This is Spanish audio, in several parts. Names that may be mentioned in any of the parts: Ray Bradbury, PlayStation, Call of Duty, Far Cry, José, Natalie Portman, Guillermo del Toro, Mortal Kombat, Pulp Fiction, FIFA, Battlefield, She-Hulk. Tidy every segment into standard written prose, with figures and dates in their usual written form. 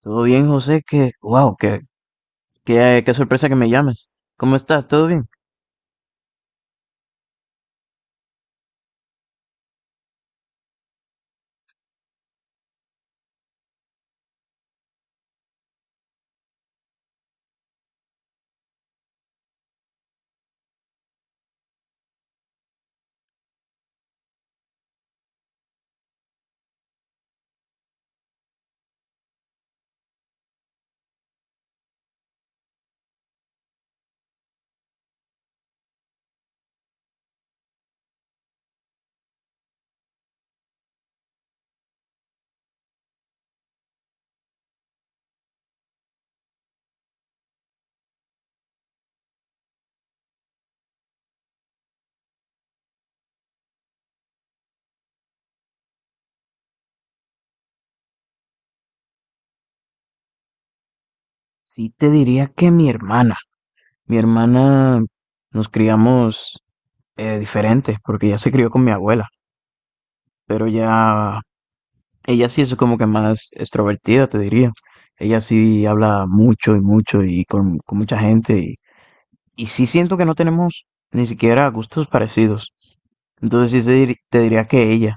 Todo bien, José, que, wow, qué sorpresa que me llames. ¿Cómo estás? ¿Todo bien? Sí, te diría que mi hermana, nos criamos diferentes, porque ella se crió con mi abuela, pero ya, ella sí es como que más extrovertida, te diría. Ella sí habla mucho y mucho y con mucha gente, y sí siento que no tenemos ni siquiera gustos parecidos. Entonces te diría que ella,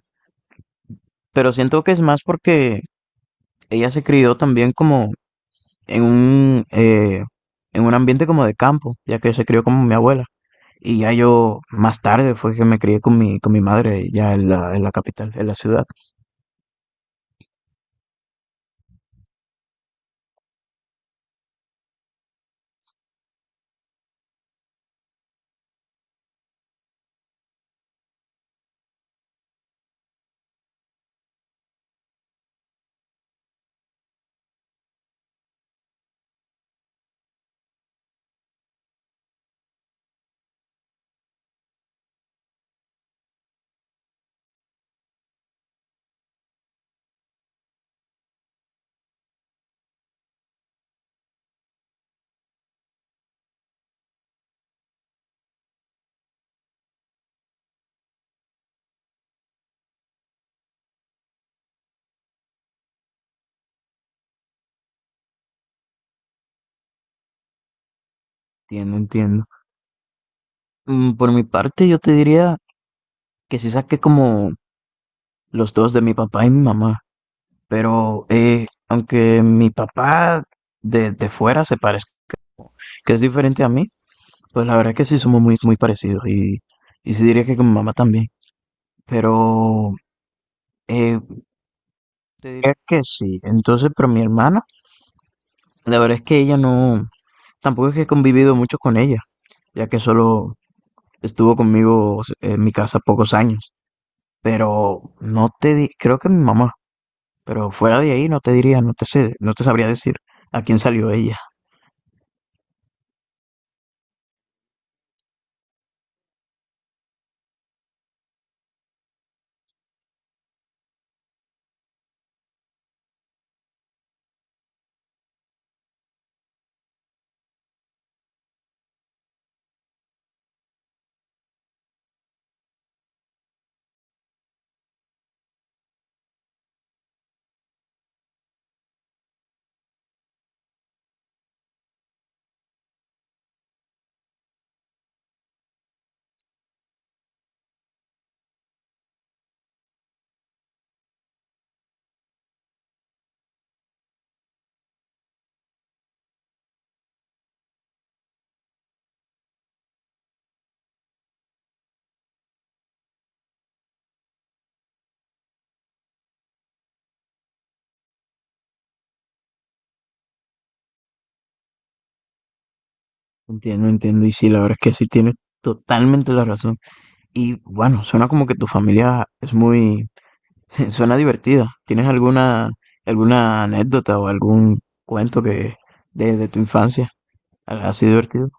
pero siento que es más porque ella se crió también como en en un ambiente como de campo, ya que se crió con mi abuela. Y ya yo, más tarde fue que me crié con con mi madre ya en en la capital, en la ciudad. Entiendo, entiendo. Mm, por mi parte, yo te diría que sí saqué como los dos de mi papá y mi mamá. Pero aunque mi papá de fuera se parezca, que es diferente a mí, pues la verdad es que sí somos muy, muy parecidos. Y sí diría que con mi mamá también. Pero eh, te diría que sí. Entonces, pero mi hermana, la verdad es que ella no, tampoco es que he convivido mucho con ella, ya que solo estuvo conmigo en mi casa pocos años, pero no te di, creo que mi mamá, pero fuera de ahí no te diría, no te sé, no te sabría decir a quién salió ella. Entiendo, entiendo, y sí, la verdad es que sí tienes totalmente la razón. Y bueno, suena como que tu familia es muy suena divertida. ¿Tienes alguna, alguna anécdota o algún cuento que de tu infancia ha sido divertido?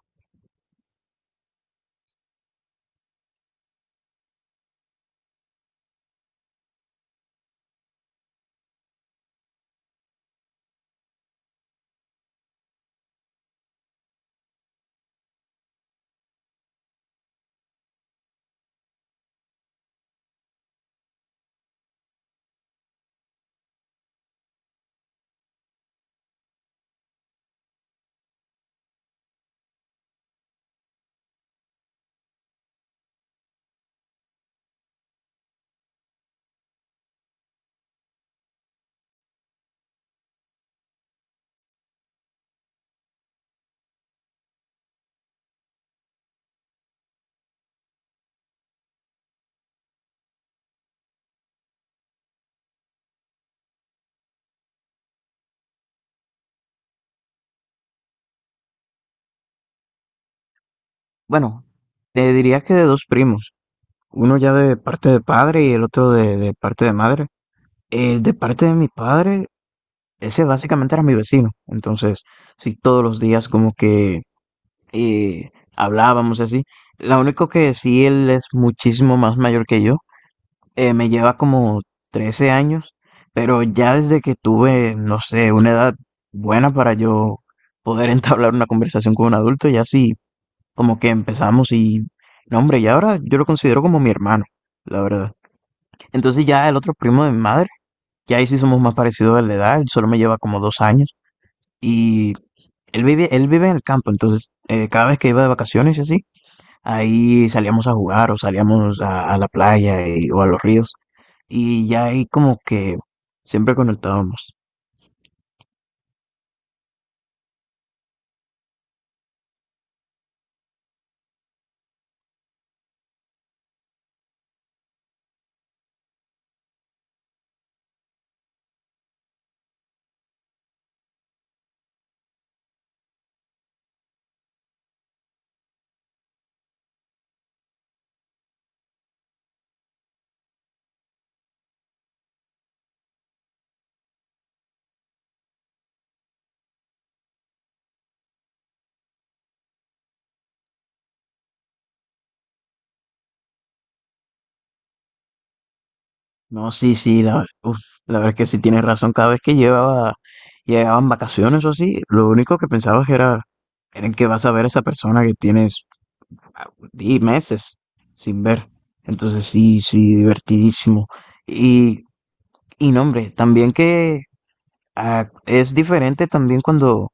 Bueno, te diría que de dos primos, uno ya de parte de padre y el otro de parte de madre. El de parte de mi padre, ese básicamente era mi vecino. Entonces, sí, todos los días como que hablábamos y así. Lo único que sí, él es muchísimo más mayor que yo. Me lleva como 13 años, pero ya desde que tuve, no sé, una edad buena para yo poder entablar una conversación con un adulto, ya sí, como que empezamos y, no hombre, y ahora yo lo considero como mi hermano, la verdad. Entonces ya el otro primo de mi madre, ya ahí sí somos más parecidos de la edad, él solo me lleva como dos años y él vive en el campo, entonces cada vez que iba de vacaciones y así, ahí salíamos a jugar o salíamos a la playa o a los ríos. Y ya ahí como que siempre conectábamos. No, sí, sí, la, uf, la verdad es que sí tienes razón. Cada vez que llevaba, llegaban vacaciones o así, lo único que pensabas era en que vas a ver a esa persona que tienes meses sin ver. Entonces sí, sí, divertidísimo. Y, y no, hombre, también que ah, es diferente también cuando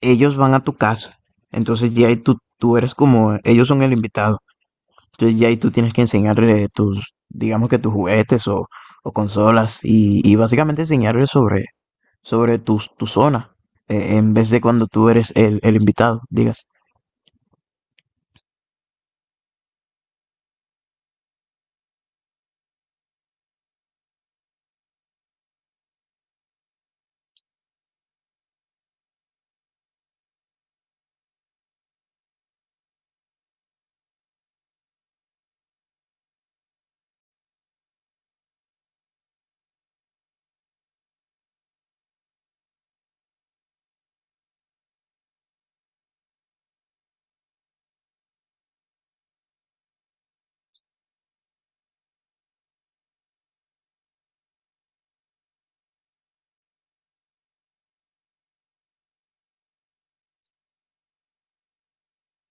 ellos van a tu casa. Entonces ya ahí tú eres como, ellos son el invitado. Entonces ya ahí tú tienes que enseñarle tus, digamos que tus juguetes o consolas y básicamente enseñarle sobre tu zona en vez de cuando tú eres el invitado, digas.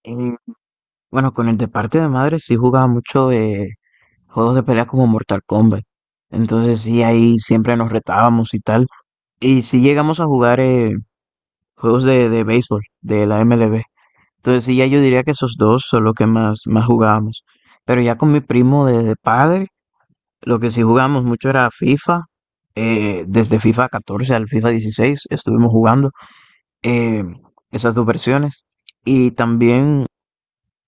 Eh, bueno, con el de parte de madre sí jugaba mucho de juegos de pelea como Mortal Kombat. Entonces sí, ahí siempre nos retábamos y tal. Y sí llegamos a jugar juegos de béisbol, de la MLB. Entonces sí, ya yo diría que esos dos son los que más, más jugábamos. Pero ya con mi primo de padre, lo que sí jugamos mucho era FIFA, desde FIFA 14 al FIFA 16 estuvimos jugando eh, esas dos versiones. Y también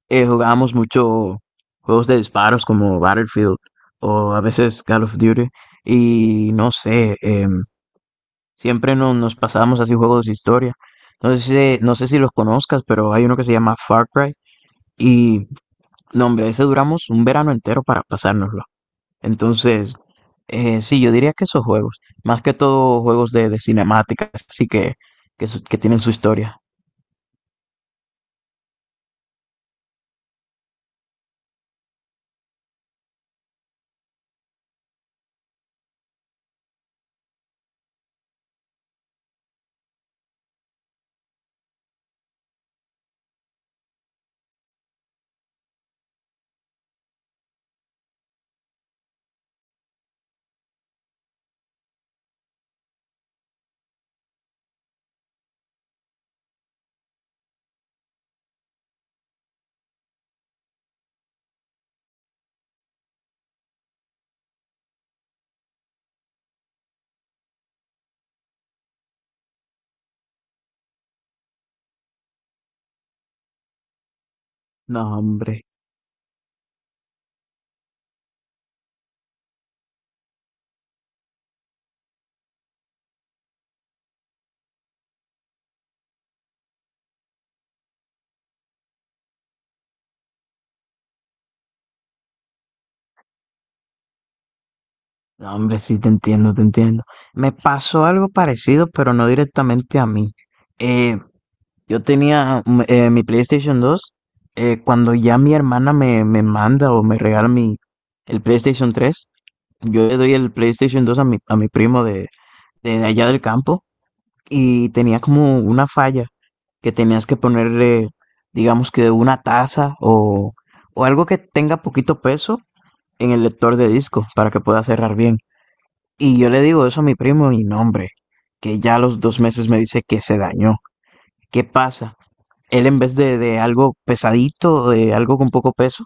jugábamos mucho juegos de disparos como Battlefield o a veces Call of Duty. Y no sé, siempre nos pasábamos así juegos de historia. No sé, si, no sé si los conozcas, pero hay uno que se llama Far Cry. Y no, hombre, ese duramos un verano entero para pasárnoslo. Entonces, sí, yo diría que esos juegos, más que todo juegos de cinemáticas, así que, que tienen su historia. No, hombre, no, hombre, sí te entiendo, te entiendo. Me pasó algo parecido, pero no directamente a mí. Eh, Yo tenía mi PlayStation 2 cuando ya mi hermana me manda o me regala el PlayStation 3. Yo le doy el PlayStation 2 a a mi primo de allá del campo y tenía como una falla que tenías que ponerle, digamos que una taza o algo que tenga poquito peso en el lector de disco para que pueda cerrar bien. Y yo le digo eso a mi primo y no, hombre, que ya a los dos meses me dice que se dañó. ¿Qué pasa? Él en vez de algo pesadito, de algo con poco peso,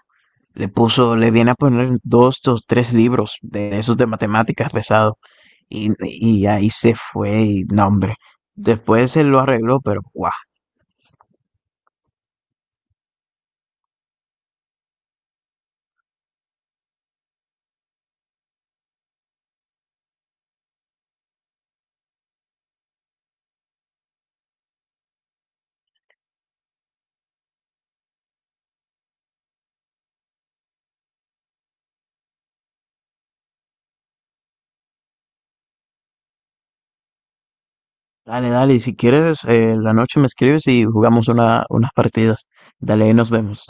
le puso, le viene a poner dos o tres libros de esos de matemáticas pesados. Y ahí se fue, y no, hombre. Después se lo arregló, pero guau. Dale, dale, y si quieres, la noche me escribes y jugamos una, unas partidas. Dale, ahí nos vemos.